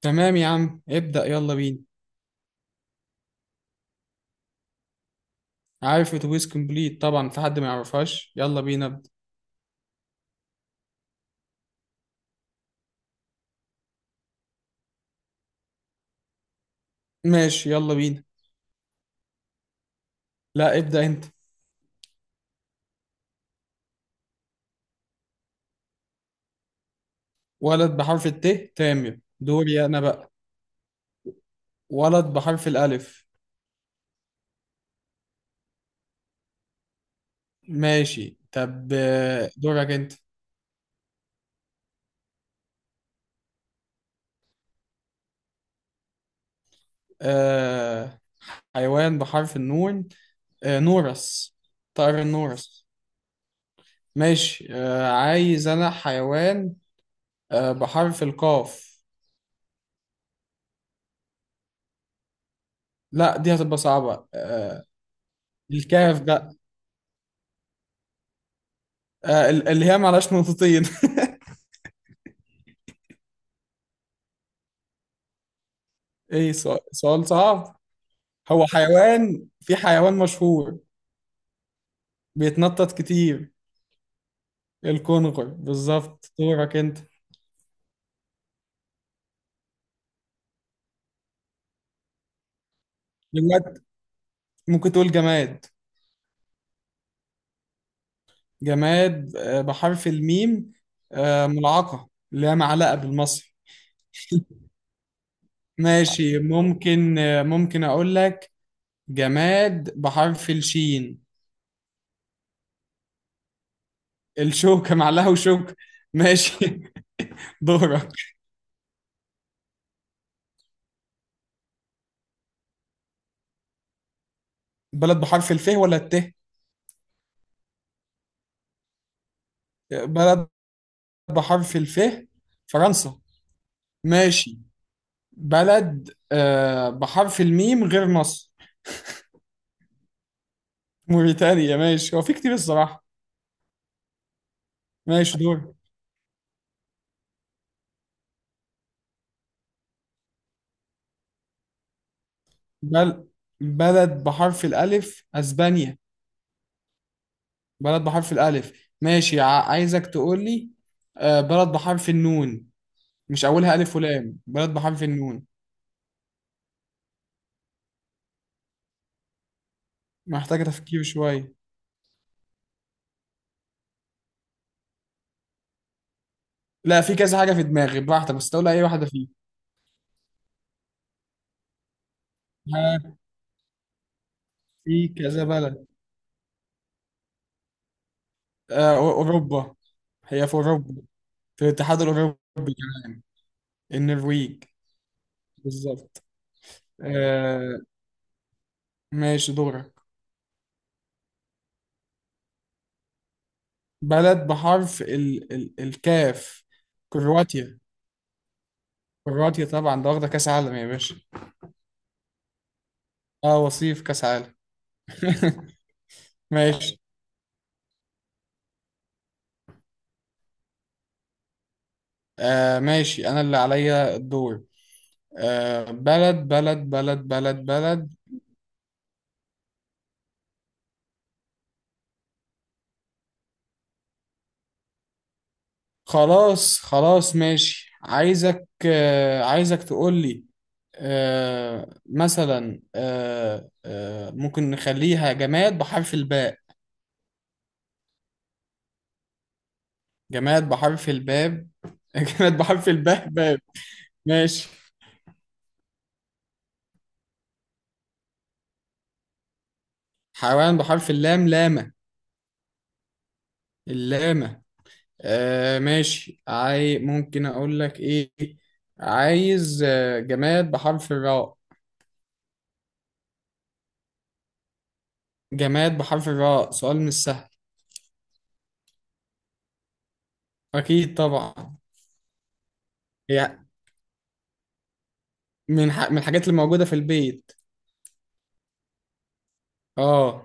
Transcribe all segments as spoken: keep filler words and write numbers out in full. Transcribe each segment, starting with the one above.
تمام يا عم، ابدأ يلا بينا. عارف اتوبيس كومبليت، طبعا في حد ما يعرفهاش. يلا بينا ابدأ. ماشي يلا بينا. لا ابدأ انت. ولد بحرف الت. تامر، دوري انا بقى. ولد بحرف الألف. ماشي طب، آه، دورك انت. آه حيوان بحرف النون. آه نورس. طائر النورس. ماشي، آه عايز انا حيوان آه بحرف القاف. لا دي هتبقى صعبة آه الكاف بقى. آه، ال- اللي هي معلهاش نقطتين ايه، سؤال سؤال صعب. هو حيوان، في حيوان مشهور بيتنطط كتير. الكونغر بالظبط، دورك انت. دلوقتي ممكن تقول جماد. جماد آه، بحرف الميم. آه، ملعقة اللي هي معلقة بالمصري. ماشي ممكن، آه، ممكن اقول لك جماد بحرف الشين. الشوكة، معلقة وشوكة. ماشي دورك. بلد بحرف الف ولا الت؟ بلد بحرف الف، فرنسا. ماشي، بلد آه بحرف الميم غير مصر. موريتانيا، ماشي، هو في كتير الصراحة. ماشي، دور. بل بلد بحرف الألف، أسبانيا. بلد بحرف الألف. ماشي، ع- عايزك تقول لي آه بلد بحرف النون، مش أولها ألف ولام، بلد بحرف النون. محتاجة تفكير شوية. لا، في كذا حاجة في دماغي، براحتك بس تقول أي واحدة فيه. ها. في كذا بلد. آه أو- أوروبا. هي في أوروبا، في الاتحاد الأوروبي. كمان، النرويج. بالظبط. آه ماشي دورك. بلد بحرف ال ال الكاف. كرواتيا. كرواتيا طبعا، ده واخدة كأس عالم يا باشا. اه، وصيف كأس عالم ماشي، آه ماشي، أنا اللي عليا الدور. آه بلد بلد بلد بلد بلد. خلاص خلاص، ماشي، عايزك آه عايزك تقول لي، آه مثلا آه آه ممكن نخليها جماد بحرف الباء. جماد بحرف الباب جماد بحرف الباء، باب. ماشي. حيوان بحرف اللام، لامة. اللامة. آه ماشي، عاي ممكن أقول لك إيه. عايز آه جماد بحرف الراء. جماد بحرف الراء، سؤال مش سهل. أكيد طبعا، يعني من ح... من الحاجات اللي موجودة في البيت. آه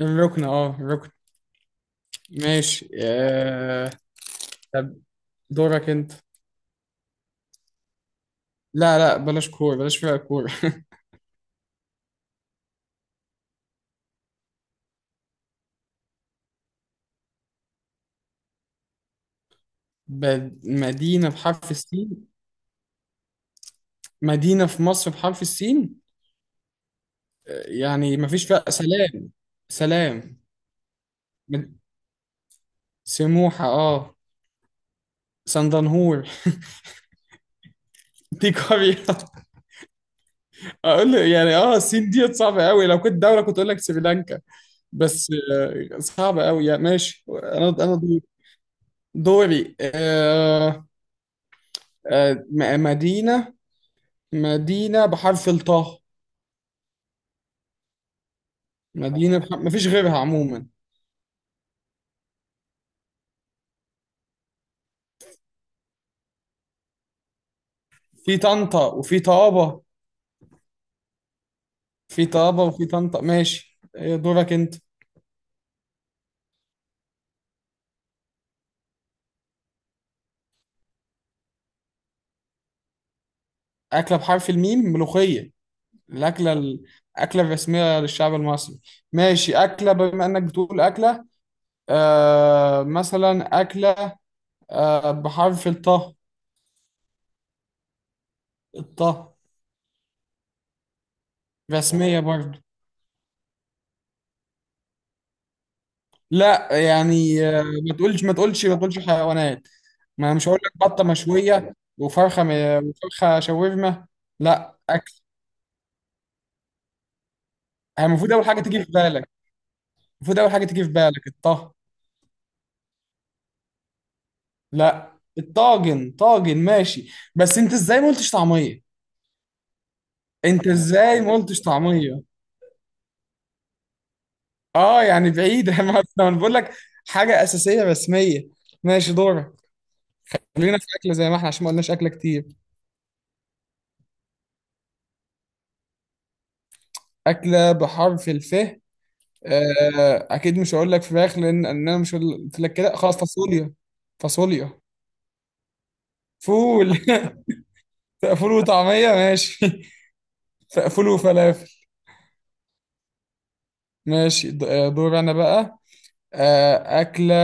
الركن آه الركن ماشي، آه دورك انت. لا لا، بلاش كورة، بلاش فرق كورة بد- مدينة بحرف السين. مدينة في مصر بحرف السين. يعني مفيش فرق. سلام. سلام. من- سموحة. اه، سندنهور دي قرية. اقول له يعني، اه السين ديت صعبة قوي، لو كنت دولة كنت اقول لك سريلانكا، بس آه، صعبة قوي يعني. ماشي، انا انا دوري. دوري. آه آه م- مدينة. مدينة بحرف الطاء. مدينة بحرف، مفيش غيرها عموما. في طنطا وفي طابة. في طابة وفي طنطا. ماشي، إيه دورك انت. أكلة بحرف الميم، ملوخية. الأكلة ال- الأكلة الرسمية للشعب المصري. ماشي أكلة، بما إنك بتقول أكلة، آه مثلا أكلة آه بحرف الطه. الطه، رسمية برضه. لا يعني، آه ما تقولش ما تقولش ما تقولش حيوانات. ما أنا مش هقول لك بطة مشوية، وفرخة م- وفرخة شاورما. لا، أكل. هي المفروض أول حاجة تيجي في بالك. المفروض اول حاجه تيجي في بالك الطه. لا، الطاجن طاجن. ماشي، بس انت ازاي ما قلتش طعميه. انت ازاي ما قلتش طعميه. اه يعني بعيده ما أنا بقول لك حاجه اساسيه رسميه. ماشي دورك. خلينا في اكله زي ما احنا، عشان ما قلناش اكله كتير. اكله بحرف الف. آه اكيد مش هقول لك فراخ، لان إن انا مش هقول- قلت لك كده. خلاص، فاصوليا. فاصوليا. فول فول وطعميه، ماشي فول وفلافل. ماشي د- آه، دور انا بقى. آه، أكلة.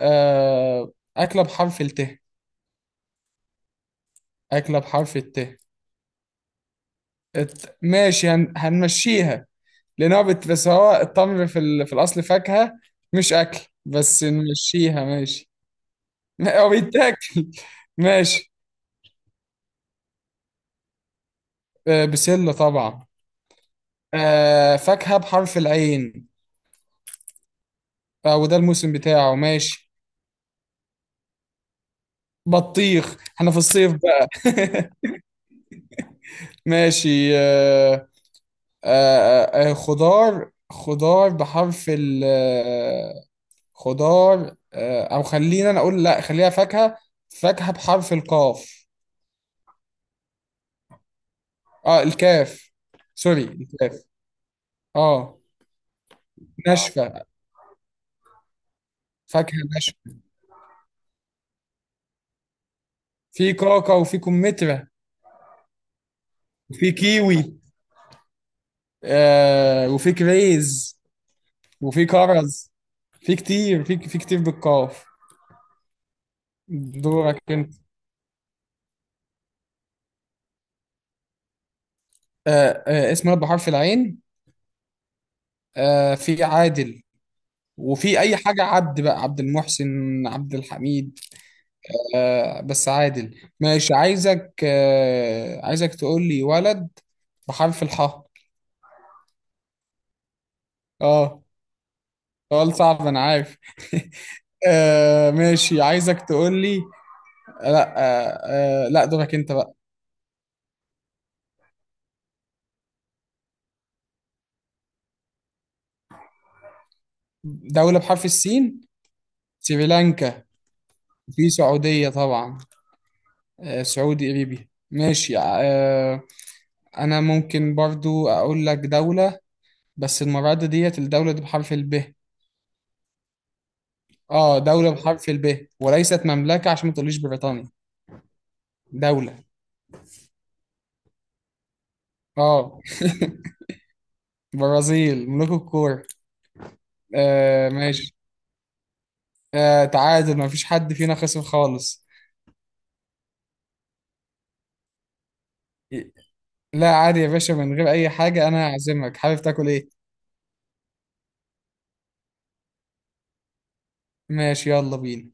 آه، أكلة بحرف الت. أكلة بحرف الت. الت- ماشي، هن... هنمشيها، لأن هو بت... بس هو التمر في ال... في الأصل فاكهة، مش أكل. بس نمشيها، ماشي ما- هو بيتاكل ماشي. آه، بسلة طبعا. آه، فاكهة بحرف العين. آه، وده الموسم بتاعه، ماشي. بطيخ، احنا في الصيف بقى ماشي، آه، آه، آه، آه، خضار خضار بحرف ال آه، خضار. آه، او خلينا، انا اقول لا، خليها فاكهة. فاكهة بحرف القاف. اه، الكاف. سوري، الكاف. اه اه. ناشفة. فاكهة ناشفة. في كاكا وفي كمثرى وفي كيوي. آه وفي كريز وفي كرز. في كتير، في في كتير بالقاف. دورك انت. آه آه اسم ولد بحرف العين. آه في عادل، وفي اي حاجه عبد، بقى عبد المحسن، عبد الحميد. آه بس عادل. ماشي، عايزك آه عايزك تقول لي ولد بحرف الحاء. اه، سؤال صعب انا عارف آه ماشي، عايزك تقول لي. لا، آه آه لا، دورك انت بقى. دولة بحرف السين. سريلانكا. في سعودية طبعا. آه، سعودي قريبي. ماشي، آه انا ممكن برضو اقول لك دولة، بس المرة دي، ديت الدولة دي بحرف الب. اه، دولة بحرف الب، وليست مملكة عشان ما تقوليش بريطانيا. دولة. اه، برازيل ملوك الكورة. آه ماشي. آه تعادل، ما فيش حد فينا خسر خالص. لا عادي يا باشا، من غير أي حاجة أنا هعزمك، حابب تاكل إيه؟ ماشي يلا بينا.